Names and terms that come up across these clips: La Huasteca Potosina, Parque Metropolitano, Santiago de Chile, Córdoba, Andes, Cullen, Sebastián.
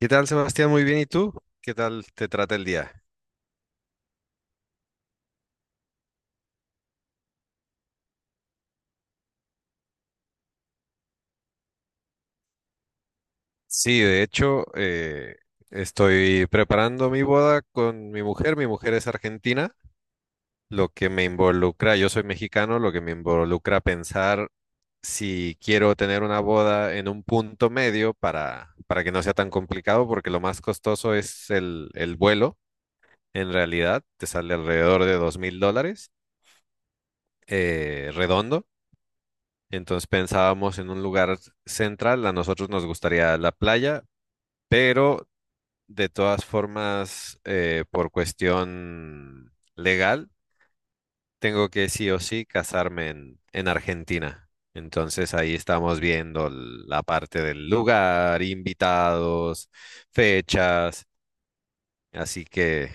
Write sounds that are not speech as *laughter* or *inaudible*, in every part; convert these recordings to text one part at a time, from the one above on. ¿Qué tal, Sebastián? Muy bien. ¿Y tú? ¿Qué tal te trata el día? Sí, de hecho, estoy preparando mi boda con mi mujer. Mi mujer es argentina, lo que me involucra, yo soy mexicano, lo que me involucra pensar si quiero tener una boda en un punto medio para que no sea tan complicado, porque lo más costoso es el vuelo. En realidad, te sale alrededor de $2000, redondo. Entonces pensábamos en un lugar central. A nosotros nos gustaría la playa, pero de todas formas, por cuestión legal, tengo que sí o sí casarme en Argentina. Entonces ahí estamos viendo la parte del lugar, invitados, fechas. Así que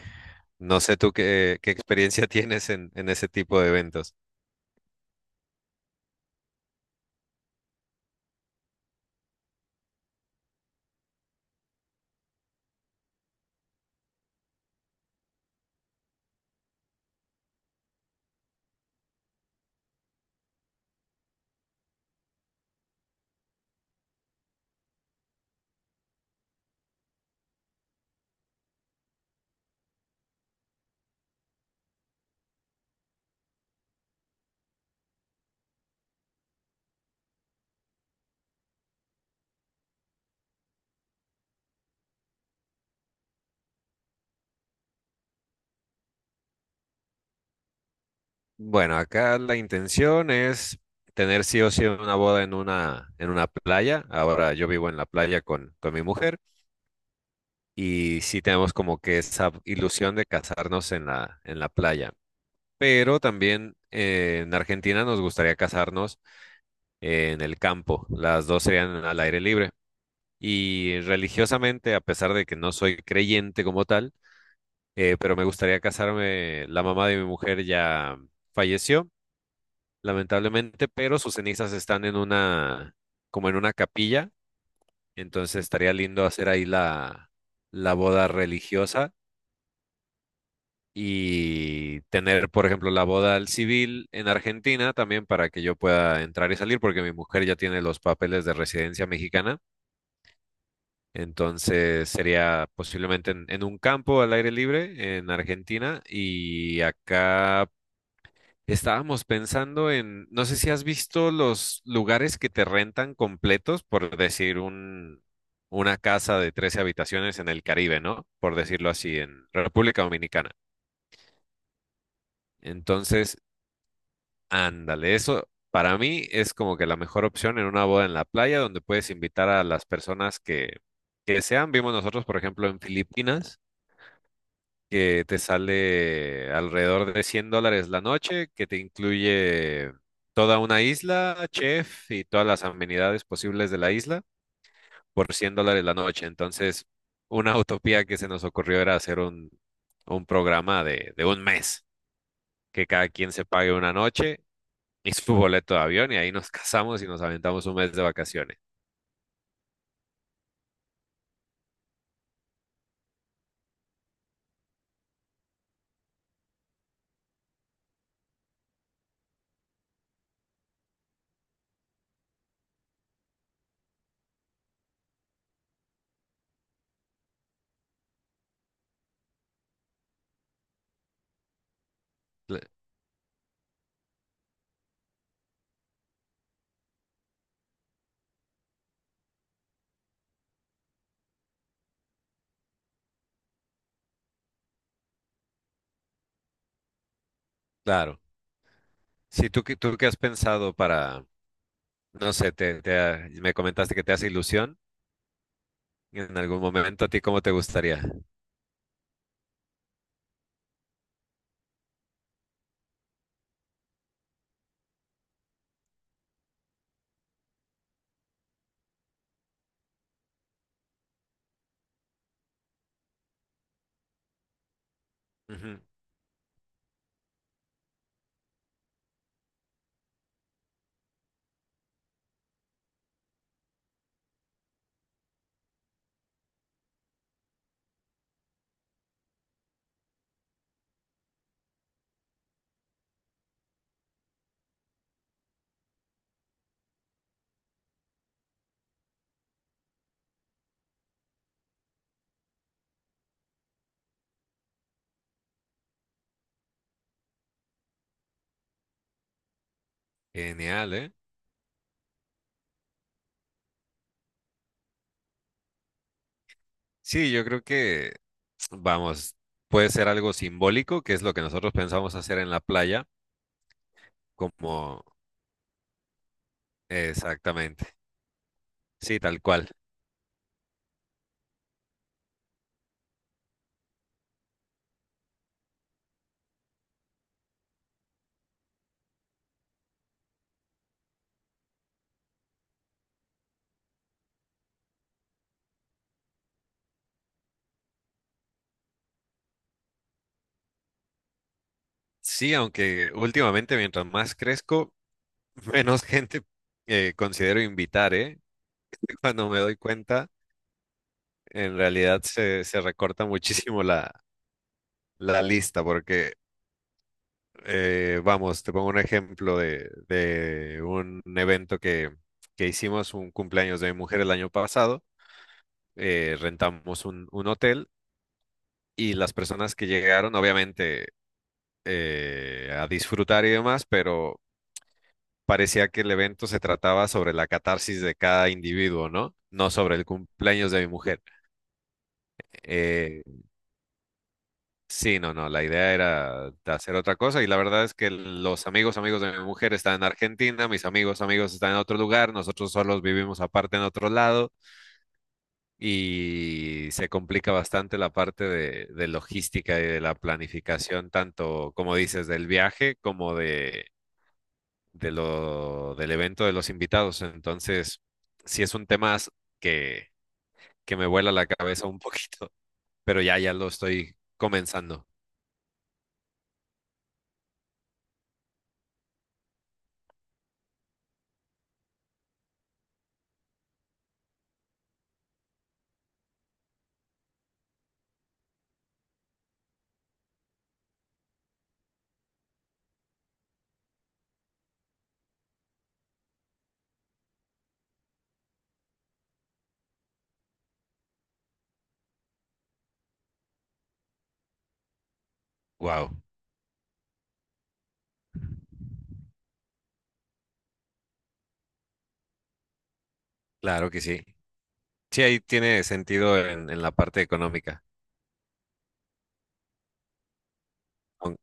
no sé tú qué experiencia *laughs* tienes en ese tipo de eventos. Bueno, acá la intención es tener sí o sí una boda en en una playa. Ahora yo vivo en la playa con mi mujer y sí tenemos como que esa ilusión de casarnos en en la playa. Pero también en Argentina nos gustaría casarnos en el campo. Las dos serían al aire libre. Y religiosamente, a pesar de que no soy creyente como tal, pero me gustaría casarme, la mamá de mi mujer ya falleció. Lamentablemente, pero sus cenizas están en una, como en una capilla, entonces estaría lindo hacer ahí la boda religiosa y tener, por ejemplo, la boda al civil en Argentina también para que yo pueda entrar y salir, porque mi mujer ya tiene los papeles de residencia mexicana, entonces sería posiblemente en un campo al aire libre en Argentina y acá estábamos pensando en, no sé si has visto los lugares que te rentan completos, por decir una casa de 13 habitaciones en el Caribe, ¿no? Por decirlo así, en República Dominicana. Entonces, ándale, eso para mí es como que la mejor opción en una boda en la playa donde puedes invitar a las personas que sean. Vimos nosotros, por ejemplo, en Filipinas que te sale alrededor de $100 la noche, que te incluye toda una isla, chef y todas las amenidades posibles de la isla por $100 la noche. Entonces, una utopía que se nos ocurrió era hacer un programa de 1 mes, que cada quien se pague una noche y su boleto de avión y ahí nos *laughs* casamos y nos aventamos 1 mes de vacaciones. Cl- Claro. Si tú, tú qué has pensado para, no sé, me comentaste que te hace ilusión. En algún momento, ¿a ti cómo te gustaría? Ujú. Genial, ¿eh? Sí, yo creo que, vamos, puede ser algo simbólico, que es lo que nosotros pensamos hacer en la playa, como exactamente, sí, tal cual. Sí, aunque últimamente mientras más crezco, *laughs* menos gente considero invitar, ¿eh? *laughs* Cuando me doy cuenta, en realidad se recorta muchísimo la lista, porque vamos, te pongo un ejemplo de un evento que hicimos, un cumpleaños de mi mujer el año pasado. Rentamos un hotel y las personas que llegaron, obviamente, a disfrutar y demás, pero parecía que el evento se trataba sobre la catarsis de cada individuo, ¿no? No sobre el cumpleaños de mi mujer. Eh, Sí, no, no, la idea era de hacer otra cosa y la verdad es que los amigos, amigos de mi mujer están en Argentina, mis amigos, amigos están en otro lugar, nosotros solos vivimos aparte en otro lado y se complica bastante la parte de logística y de la planificación, tanto como dices, del viaje como del evento de los invitados. Entonces, sí es un tema que, que me vuela la cabeza un poquito, pero ya lo estoy comenzando. Wow, claro que sí. Sí, ahí tiene sentido en la parte económica. Aun-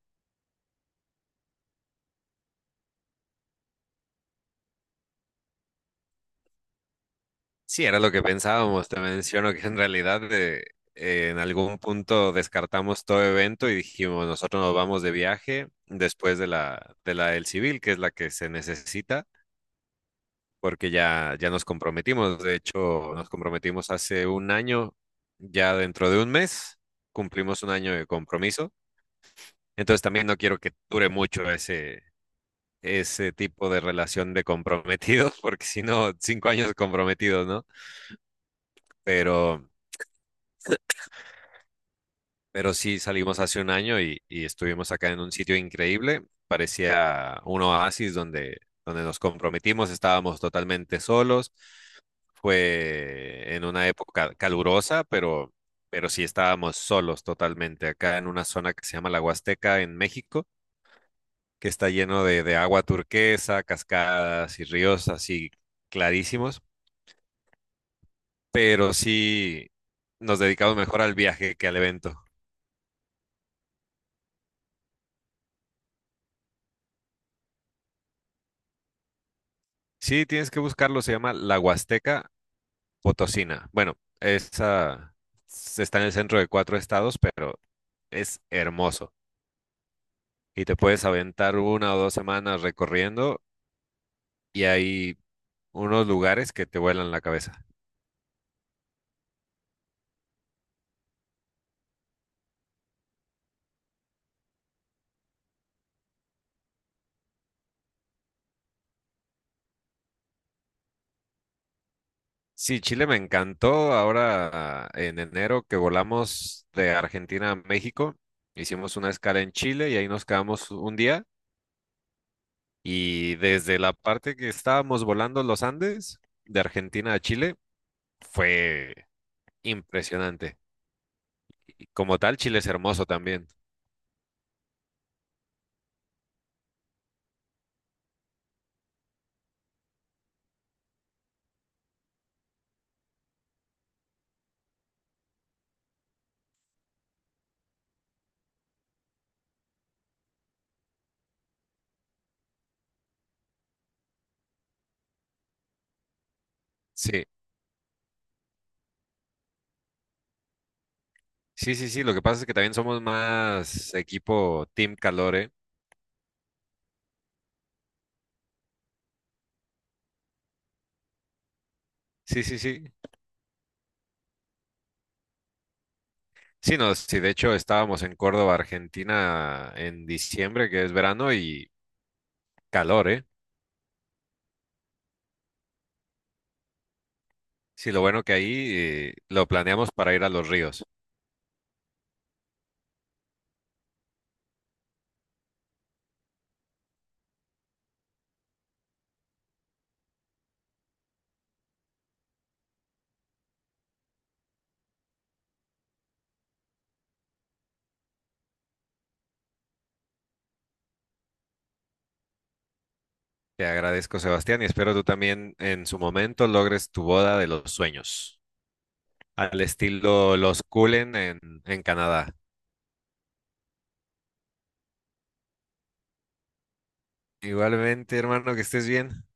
Sí, era lo que pensábamos. Te menciono que en realidad en algún punto descartamos todo evento y dijimos, nosotros nos vamos de viaje después de de la del civil, que es la que se necesita, porque ya nos comprometimos. De hecho, nos comprometimos hace 1 año, ya dentro de 1 mes cumplimos 1 año de compromiso. Entonces también no quiero que dure mucho ese tipo de relación de comprometidos, *laughs* porque si no, 5 años comprometidos, ¿no? Pero, pero sí salimos hace 1 año y estuvimos acá en un sitio increíble, parecía un oasis donde, donde nos comprometimos, estábamos totalmente solos, fue en una época calurosa, pero sí estábamos solos totalmente acá en una zona que se llama la Huasteca en México que está lleno de agua turquesa, cascadas y ríos así clarísimos pero sí nos dedicamos mejor al viaje que al evento. Sí, tienes que buscarlo, se llama La Huasteca Potosina. Bueno, esa está en el centro de 4 estados, pero es hermoso. Y te puedes aventar una o 2 semanas recorriendo y hay unos lugares que te vuelan la cabeza. Sí, Chile me encantó. Ahora en enero que volamos de Argentina a México, hicimos una escala en Chile y ahí nos quedamos 1 día y desde la parte que estábamos volando los Andes, de Argentina a Chile, fue impresionante. Y como tal, Chile es hermoso también. Sí, sí, sí, sí. Lo que pasa es que también somos más equipo Team Calore. Sí, sí, sí. Sí, no, sí, de hecho estábamos en Córdoba, Argentina, en diciembre, que es verano, y calor, ¿eh? Sí, lo bueno que ahí lo planeamos para ir a los ríos. Te agradezco, Sebastián, y espero tú también en su momento logres tu boda de los sueños. Al estilo los Cullen en Canadá. Igualmente, hermano, que estés bien.